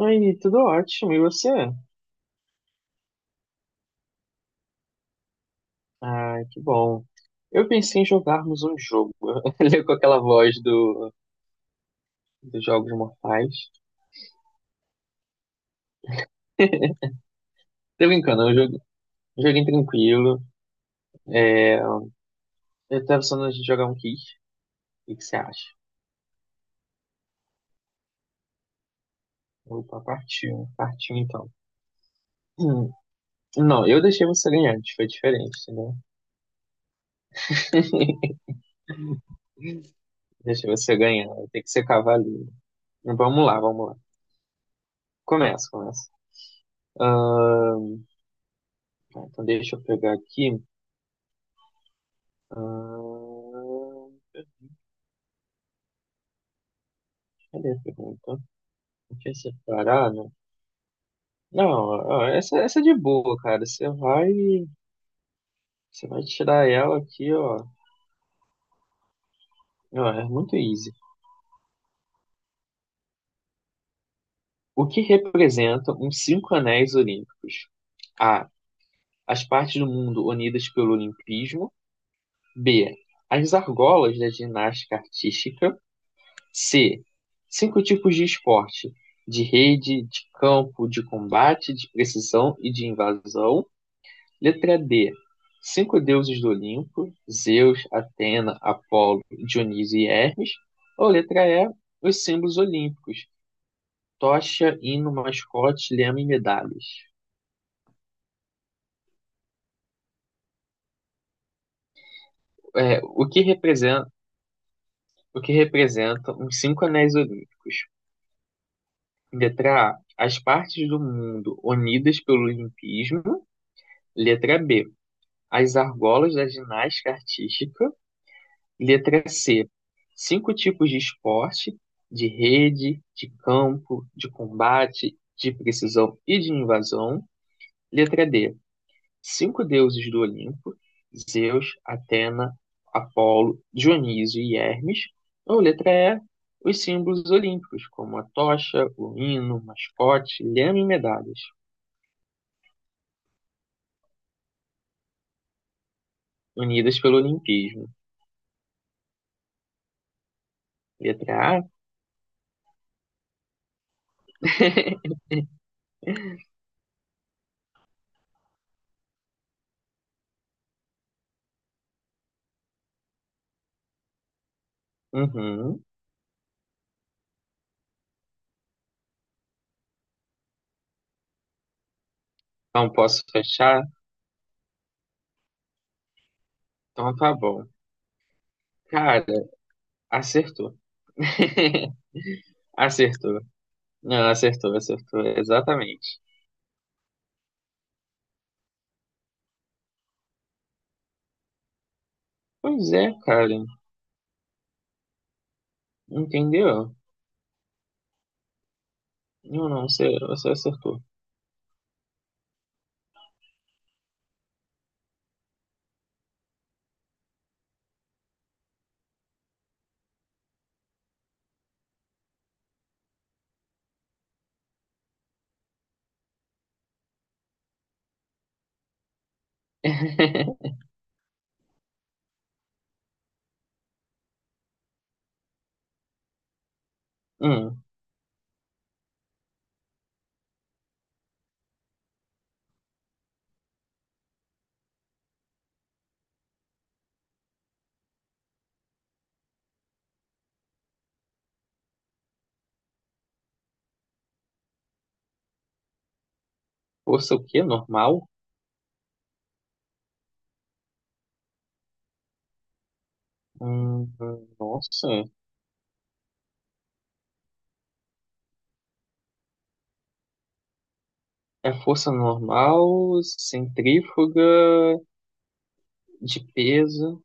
Aí, tudo ótimo. E você? Ai, que bom. Eu pensei em jogarmos um jogo. Ele com aquela voz dos Jogos Mortais. Tô brincando, eu joguei, joguinho tranquilo. É, eu tava pensando de jogar um Kiss. O que que você acha? Opa, partiu. Partiu então. Hum. Não, eu deixei você ganhar, foi diferente, né? Deixei você ganhar, tem que ser cavaleiro. Vamos lá, vamos lá. Começa, começa. Ah, tá, então deixa eu pegar aqui. Ah, cadê a pergunta? O que é separado? Não, ó, essa é de boa, cara. Você vai tirar ela aqui, ó. Ó, é muito easy. O que representam os cinco anéis olímpicos? A. As partes do mundo unidas pelo olimpismo. B. As argolas da ginástica artística. C. Cinco tipos de esporte: de rede, de campo, de combate, de precisão e de invasão. Letra D. Cinco deuses do Olimpo, Zeus, Atena, Apolo, Dionísio e Hermes. Ou letra E. Os símbolos olímpicos, tocha, hino, mascote, lema e medalhas. É, o que representa os cinco anéis olímpicos? Letra A. As partes do mundo unidas pelo olimpismo. Letra B. As argolas da ginástica artística. Letra C. Cinco tipos de esporte, de rede, de campo, de combate, de precisão e de invasão. Letra D. Cinco deuses do Olimpo, Zeus, Atena, Apolo, Dionísio e Hermes. Ou letra E. Os símbolos olímpicos, como a tocha, o hino, mascote, lema e medalhas, unidas pelo olimpismo. Letra A. Uhum. Não posso fechar? Então tá bom. Cara, acertou. Acertou. Não, acertou, acertou. Exatamente. Pois é, cara. Entendeu? Não, não, você acertou. Hum, força o quê? Normal? Hum, nossa. É força normal, centrífuga, de peso.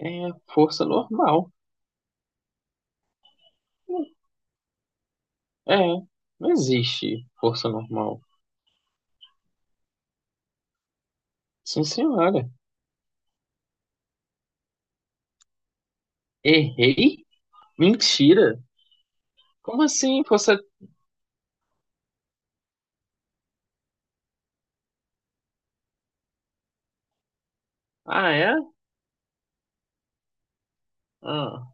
É força normal. Hum, É, não existe força normal. Sim, senhora. Errei? Mentira. Como assim? Força. Ah, é? Ah.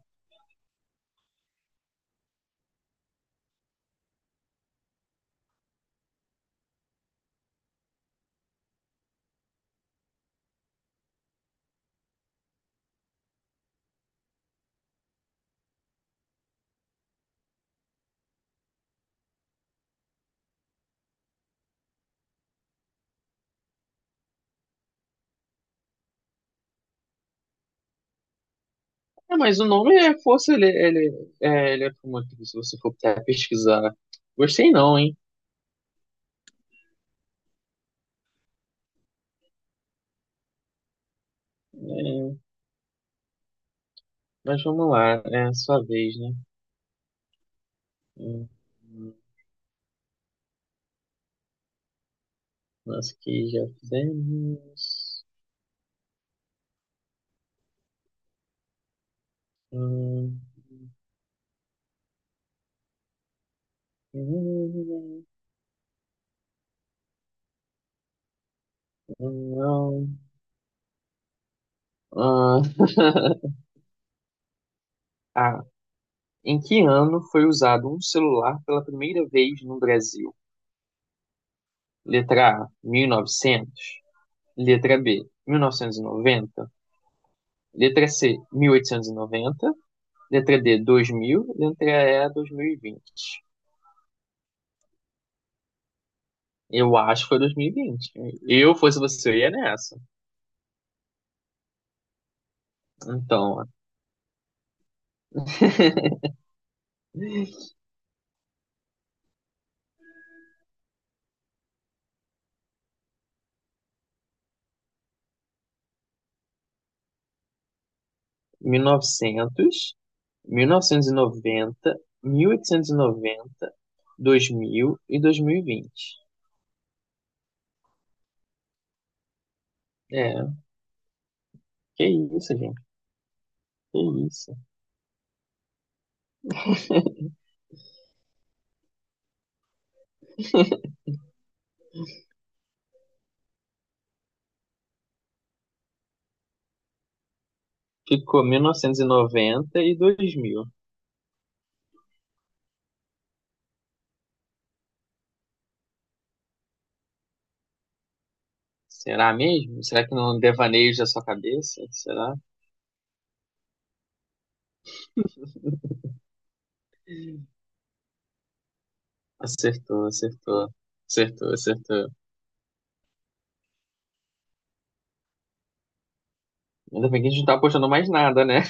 É, mas o nome é força, ele é como aqui, se você for tentar pesquisar. Gostei não, hein? É, mas vamos lá, é a sua vez, né? Hum, Nós que já fizemos. Hum, hum. Não. Ah, ah, em que ano foi usado um celular pela primeira vez no Brasil? Letra A, 1900. Letra B, 1990. Letra C, 1890. Letra D, 2000. Letra E, 2020. Eu acho que foi 2020. Eu fosse você, eu ia nessa. Então, ó, mil e 1990, mil 2000 e noventa dois dois mil mil e 2020. É, que isso, gente. Que isso. Ficou 1990 e 2000. Será mesmo? Será que não devaneio da sua cabeça? Será? Acertou, acertou. Acertou, acertou. Ainda bem que a gente não tá apostando mais nada, né?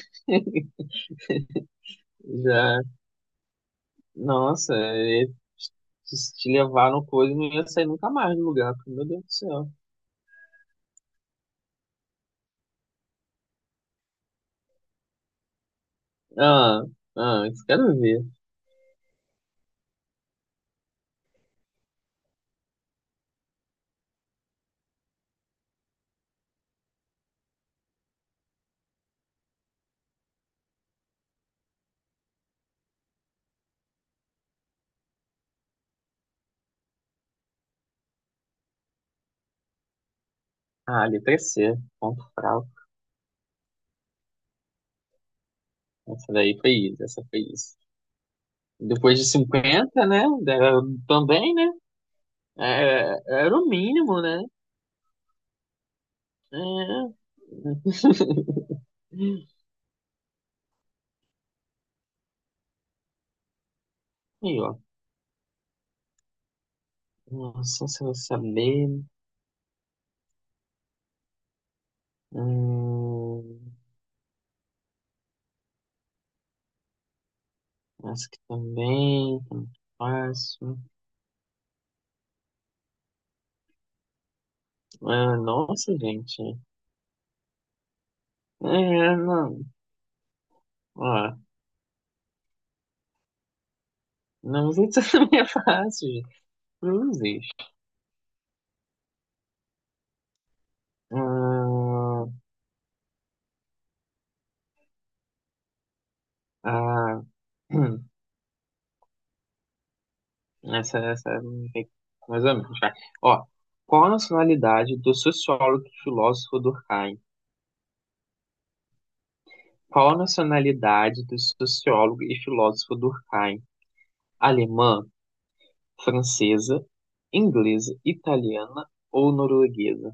Já, nossa, se te levar no coisa, não ia sair nunca mais do lugar, porque, meu Deus do céu. Ah, ah, isso quero ver. Ah, letra C, ponto fraco. Essa daí foi isso, essa foi isso. Depois de 50, né? Também, né? É, era o mínimo, né? É. Aí, ó. Nossa, se eu vou saber. Hum, essa aqui também, tá muito fácil. Ah, nossa, gente. É, não, ó, não sei se também é fácil. Gente. Cruzes. Hum, ah, hum, essa é mais ou menos, vai. Ó, qual a nacionalidade do sociólogo e filósofo Durkheim? Qual a nacionalidade do sociólogo e filósofo Durkheim? Alemã, francesa, inglesa, italiana ou norueguesa?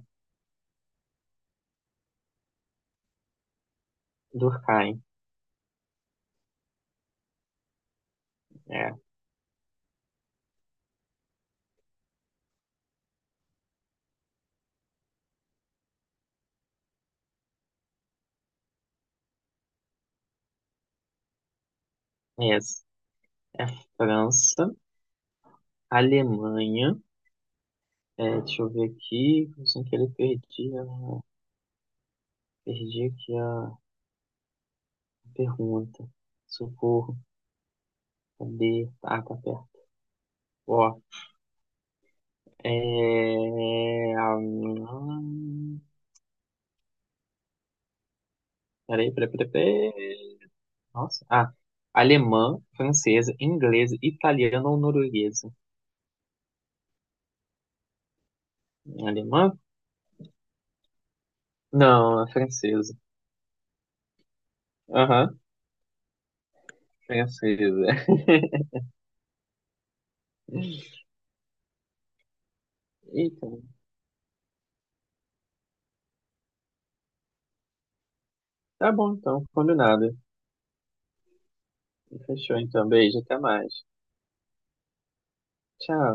Durkheim, é, é, é França, Alemanha. Deixa eu ver aqui, sem querer perdi, perdi aqui a pergunta. Socorro, cadê? Ah, tá perto. Ó, é... hum, peraí, peraí, peraí, peraí. Nossa, ah, alemã, francesa, inglesa, italiana ou norueguesa? É alemã? Não, é francesa. Aham, francesa. Eita, tá bom então, combinado. Fechou então, beijo, até mais. Tchau.